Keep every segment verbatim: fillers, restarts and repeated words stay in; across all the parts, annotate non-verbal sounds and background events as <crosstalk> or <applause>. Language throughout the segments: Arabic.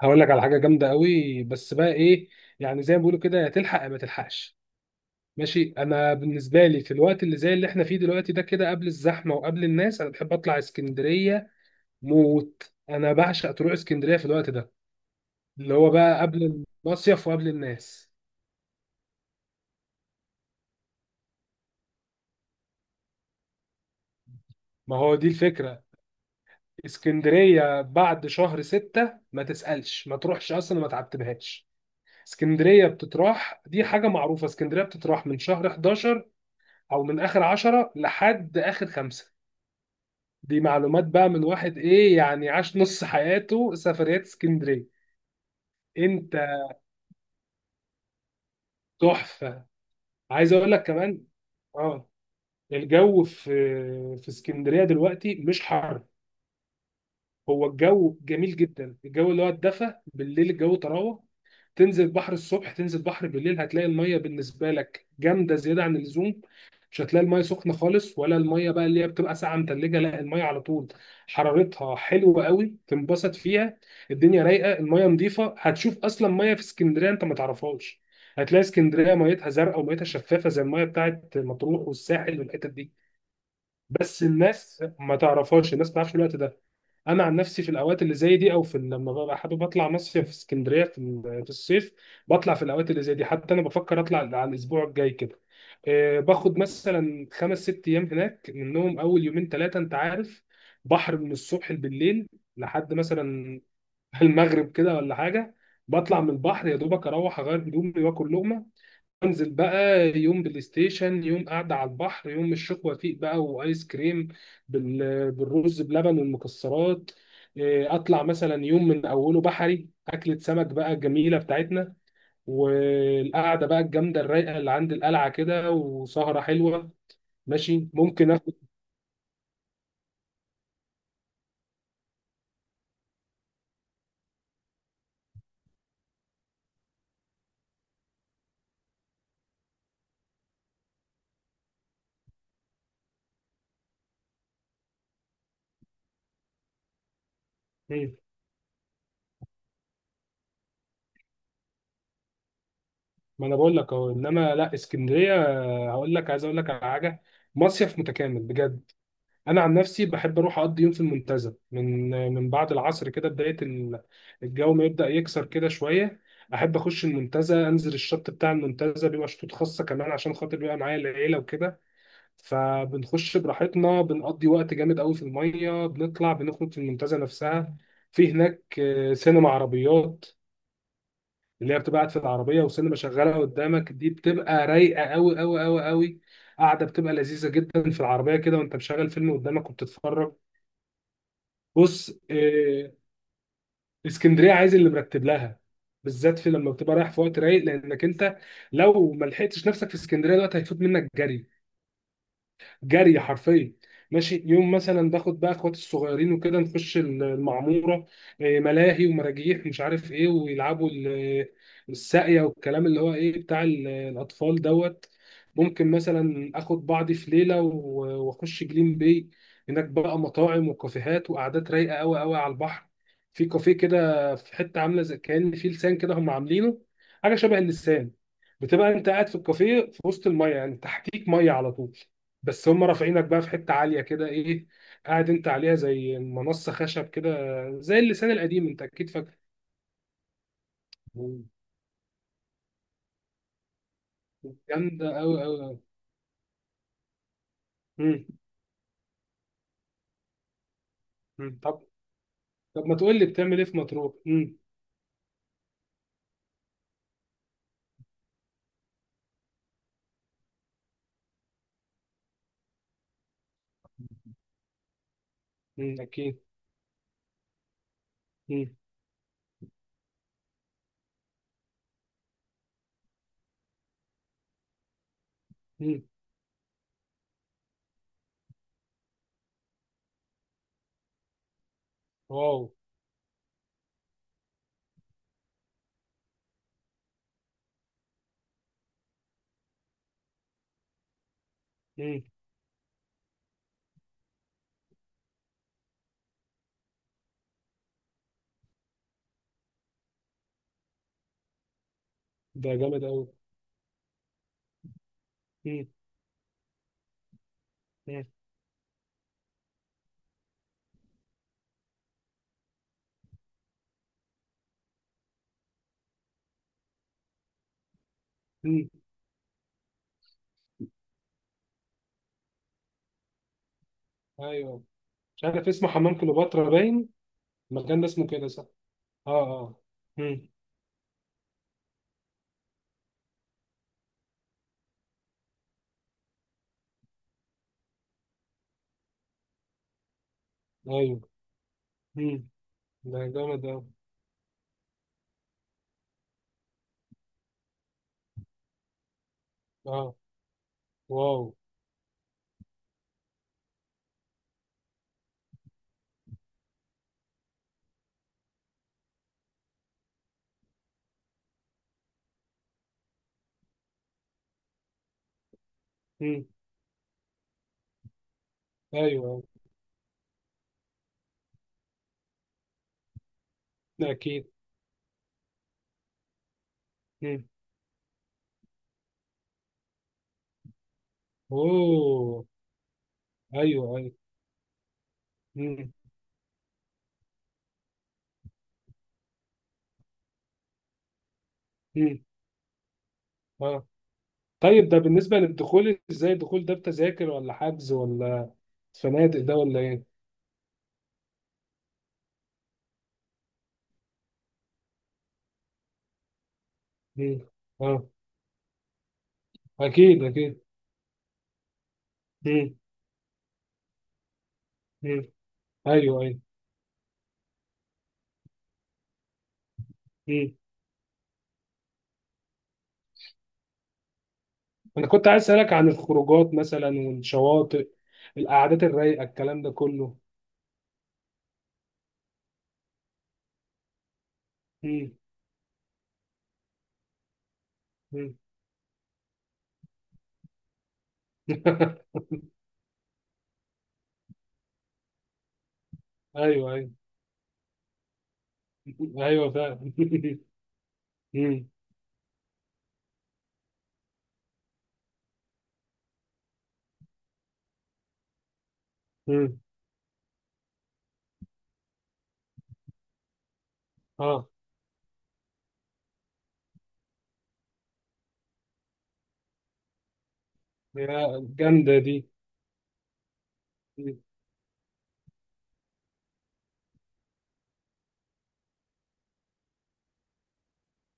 هقول لك على حاجه جامده قوي، بس بقى ايه. يعني زي ما بيقولوا كده، يا تلحق يا ما تلحقش. ماشي، انا بالنسبه لي في الوقت اللي زي اللي احنا فيه دلوقتي ده، كده قبل الزحمه وقبل الناس، انا بحب اطلع اسكندريه موت. انا بعشق تروح اسكندريه في الوقت ده، اللي هو بقى قبل المصيف وقبل الناس. ما هو دي الفكره. اسكندريه بعد شهر ستة ما تسالش، ما تروحش اصلا، ما تعتبهاش. اسكندريه بتتراح، دي حاجه معروفه. اسكندريه بتتراح من شهر حداشر، او من اخر عشرة لحد اخر خمسة. دي معلومات بقى من واحد ايه يعني، عاش نص حياته سفريات اسكندريه. انت تحفه. عايز اقول لك كمان اه، الجو في في اسكندريه دلوقتي مش حر. هو الجو جميل جدا، الجو اللي هو الدفى بالليل، الجو طراوه. تنزل بحر الصبح، تنزل بحر بالليل، هتلاقي الميه بالنسبه لك جامده زياده عن اللزوم. مش هتلاقي الميه سخنه خالص، ولا الميه بقى اللي هي بتبقى ساقعه متلجه، لا الميه على طول حرارتها حلوه قوي، تنبسط فيها. الدنيا رايقه، الميه نظيفه، هتشوف اصلا ميه في اسكندريه انت ما تعرفهاش. هتلاقي اسكندريه ميتها زرقاء وميتها شفافه زي الميه بتاعت مطروح والساحل والحتت دي. بس الناس ما تعرفهاش، الناس ما تعرفش الوقت ده. انا عن نفسي في الاوقات اللي زي دي، او في لما ببقى حابب اطلع مصيف في اسكندريه في ال- في الصيف، بطلع في الاوقات اللي زي دي. حتى انا بفكر اطلع على الاسبوع الجاي كده. آه، باخد مثلا خمس ست ايام هناك، منهم اول يومين ثلاثه انت عارف بحر من الصبح بالليل، لحد مثلا <laughs> المغرب كده ولا حاجه. بطلع من البحر يا دوبك اروح اغير هدومي واكل لقمه، انزل بقى يوم بلاي ستيشن، يوم قاعده على البحر، يوم الشيخ وفيق بقى وايس كريم بال- بالرز بلبن والمكسرات. إيه، اطلع مثلا يوم من اوله بحري اكله سمك بقى الجميله بتاعتنا، والقعده بقى الجامده الرايقه اللي عند القلعه كده، وسهره حلوه. ماشي ممكن اخد. مم. ما انا بقول لك اهو، انما لا، اسكندريه آه، هقول لك، عايز اقول لك على حاجه، مصيف متكامل بجد. انا عن نفسي بحب اروح اقضي يوم في المنتزه من من بعد العصر كده، بدايه ال- الجو ما يبدا يكسر كده شويه. احب اخش المنتزه، انزل الشط بتاع المنتزه، بيبقى شطوط خاصه كمان عشان خاطر بيبقى معايا العيله وكده. فبنخش براحتنا، بنقضي وقت جامد قوي في الميه، بنطلع بنخرج في المنتزه نفسها. في هناك آه، سينما عربيات، اللي هي بتبقى قاعد في العربيه وسينما شغاله قدامك، دي بتبقى رايقه قوي قوي قوي قوي. قاعده بتبقى لذيذه جدا في العربيه كده وانت مشغل فيلم قدامك وبتتفرج. بص إيه، اسكندريه عايز اللي مرتب لها، بالذات في لما بتبقى رايح في وقت رايق، لانك انت لو ما لحقتش نفسك في اسكندريه دلوقتي هيفوت منك جري، جري حرفيا. ماشي يوم مثلا باخد بقى اخواتي الصغيرين وكده، نخش المعموره. إيه، ملاهي ومراجيح مش عارف ايه، ويلعبوا ال- الساقيه والكلام اللي هو ايه بتاع ال- الاطفال دوت. ممكن مثلا اخد بعضي في ليله و- واخش جليم باي، هناك بقى مطاعم وكافيهات وقعدات رايقه قوي قوي على البحر. في كافيه كده في حته عامله زي كان في لسان كده، هم عاملينه حاجه شبه اللسان. بتبقى انت قاعد في الكافيه في وسط الميه، يعني تحتيك ميه على طول، بس هم رافعينك بقى في حته عاليه كده ايه، قاعد انت عليها زي منصه خشب كده، زي اللسان القديم انت اكيد فاكر. مم. جامده قوي قوي قوي. مم. مم. طب، طب ما تقول لي بتعمل ايه في مطروح. مم. مم. اكيد. مم. مم. واو. مم. ده جامد قوي. مم. مم. مم. ايوه، مش عارف اسمه حمام كليوباترا باين. المكان ده اسمه كده صح. اه اه. مم. ايوه. مم. ده جامد قوي. اه. واو. مم. ايوه أيوه. ده اكيد. اوه. ايوه ايوه. مم. مم. اه. طيب ده بالنسبه للدخول ازاي؟ الدخول ده بتذاكر ولا حجز، ولا فنادق ده ولا ايه؟ مم. اه. اكيد اكيد. مم. مم. ايوه ايوه. مم. انا كنت عايز اسالك عن الخروجات مثلا، والشواطئ، القعدات الرايقه، الكلام ده كله. مم. مم. <laughs> ايوه ايوه. ايوه فعلا <laughs> مم. مم. اه، يا جامده دي. مم.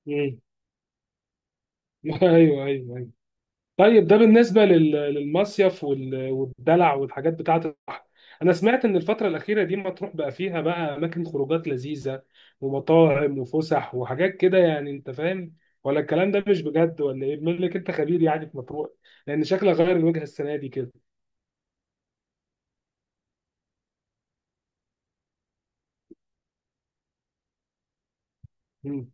مم. <laughs> ايوه ايوه. طيب ده بالنسبة لل- للمصيف وال- والدلع والحاجات بتاعة البحر. أنا سمعت إن الفترة الأخيرة دي مطروح بقى فيها بقى أماكن خروجات لذيذة، ومطاعم وفسح وحاجات كده يعني أنت فاهم، ولا الكلام ده مش بجد ولا إيه؟ بما إنك أنت خبير يعني في مطروح، لأن شكلها غير الوجهة السنة دي كده. مم.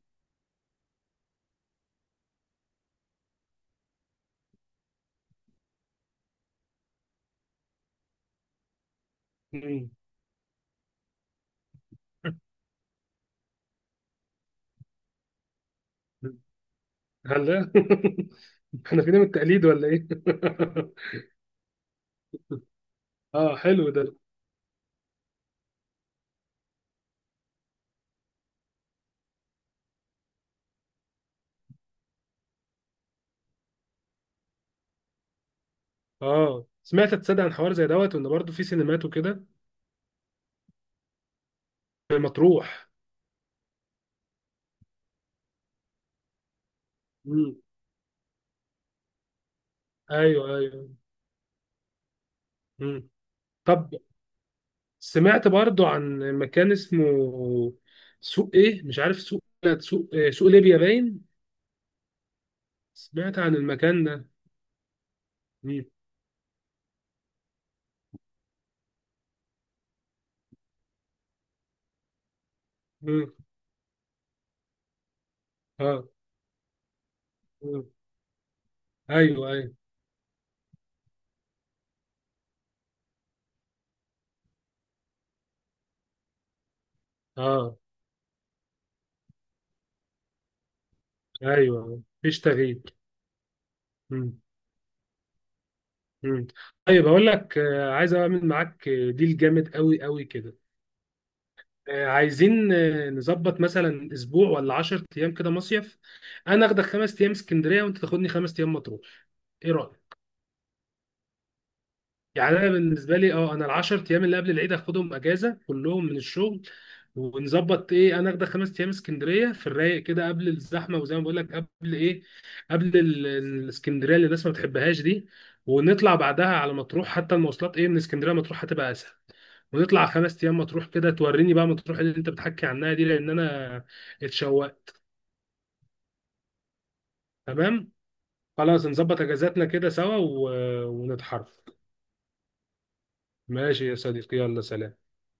مم. هلا <laughs> إحنا فينا من التقليد ولا إيه؟ <laughs> آه حلو ده. آه سمعت تصدق عن حوار زي دوت، وإن برضه في سينمات وكده في مطروح. مم. ايوه ايوه. مم. طب سمعت برضو عن مكان اسمه سوق ايه مش عارف سوق، لا، سوق إيه؟ سوق ليبيا باين، سمعت عن المكان ده. مم. مم. اه. مم. ايوه ايوه. اه. ايوه أيوه. مفيش تغيير. مم. مم. طيب هقول لك آه، عايز اعمل معاك آه، ديل جامد قوي قوي كده. آه، عايزين آه، نظبط مثلا اسبوع ولا عشر ايام كده مصيف. انا اخدك خمس ايام اسكندريه، وانت تاخدني خمس ايام مطروح. ايه رايك؟ يعني انا بالنسبه لي اه، انا العشر ايام اللي قبل العيد هاخدهم اجازه كلهم من الشغل، ونظبط ايه، انا اخد خمس ايام اسكندريه في الرايق كده، قبل الزحمه وزي ما بقول لك قبل ايه، قبل ال- الاسكندريه اللي الناس ما بتحبهاش دي، ونطلع بعدها على مطروح. حتى المواصلات ايه من اسكندريه مطروح هتبقى اسهل. ونطلع خمس ايام مطروح كده، توريني بقى مطروح اللي انت بتحكي عنها دي، لان انا اتشوقت. تمام. خلاص نظبط اجازاتنا كده سوا و... ونتحرك. ماشي يا صديقي، يلا سلام.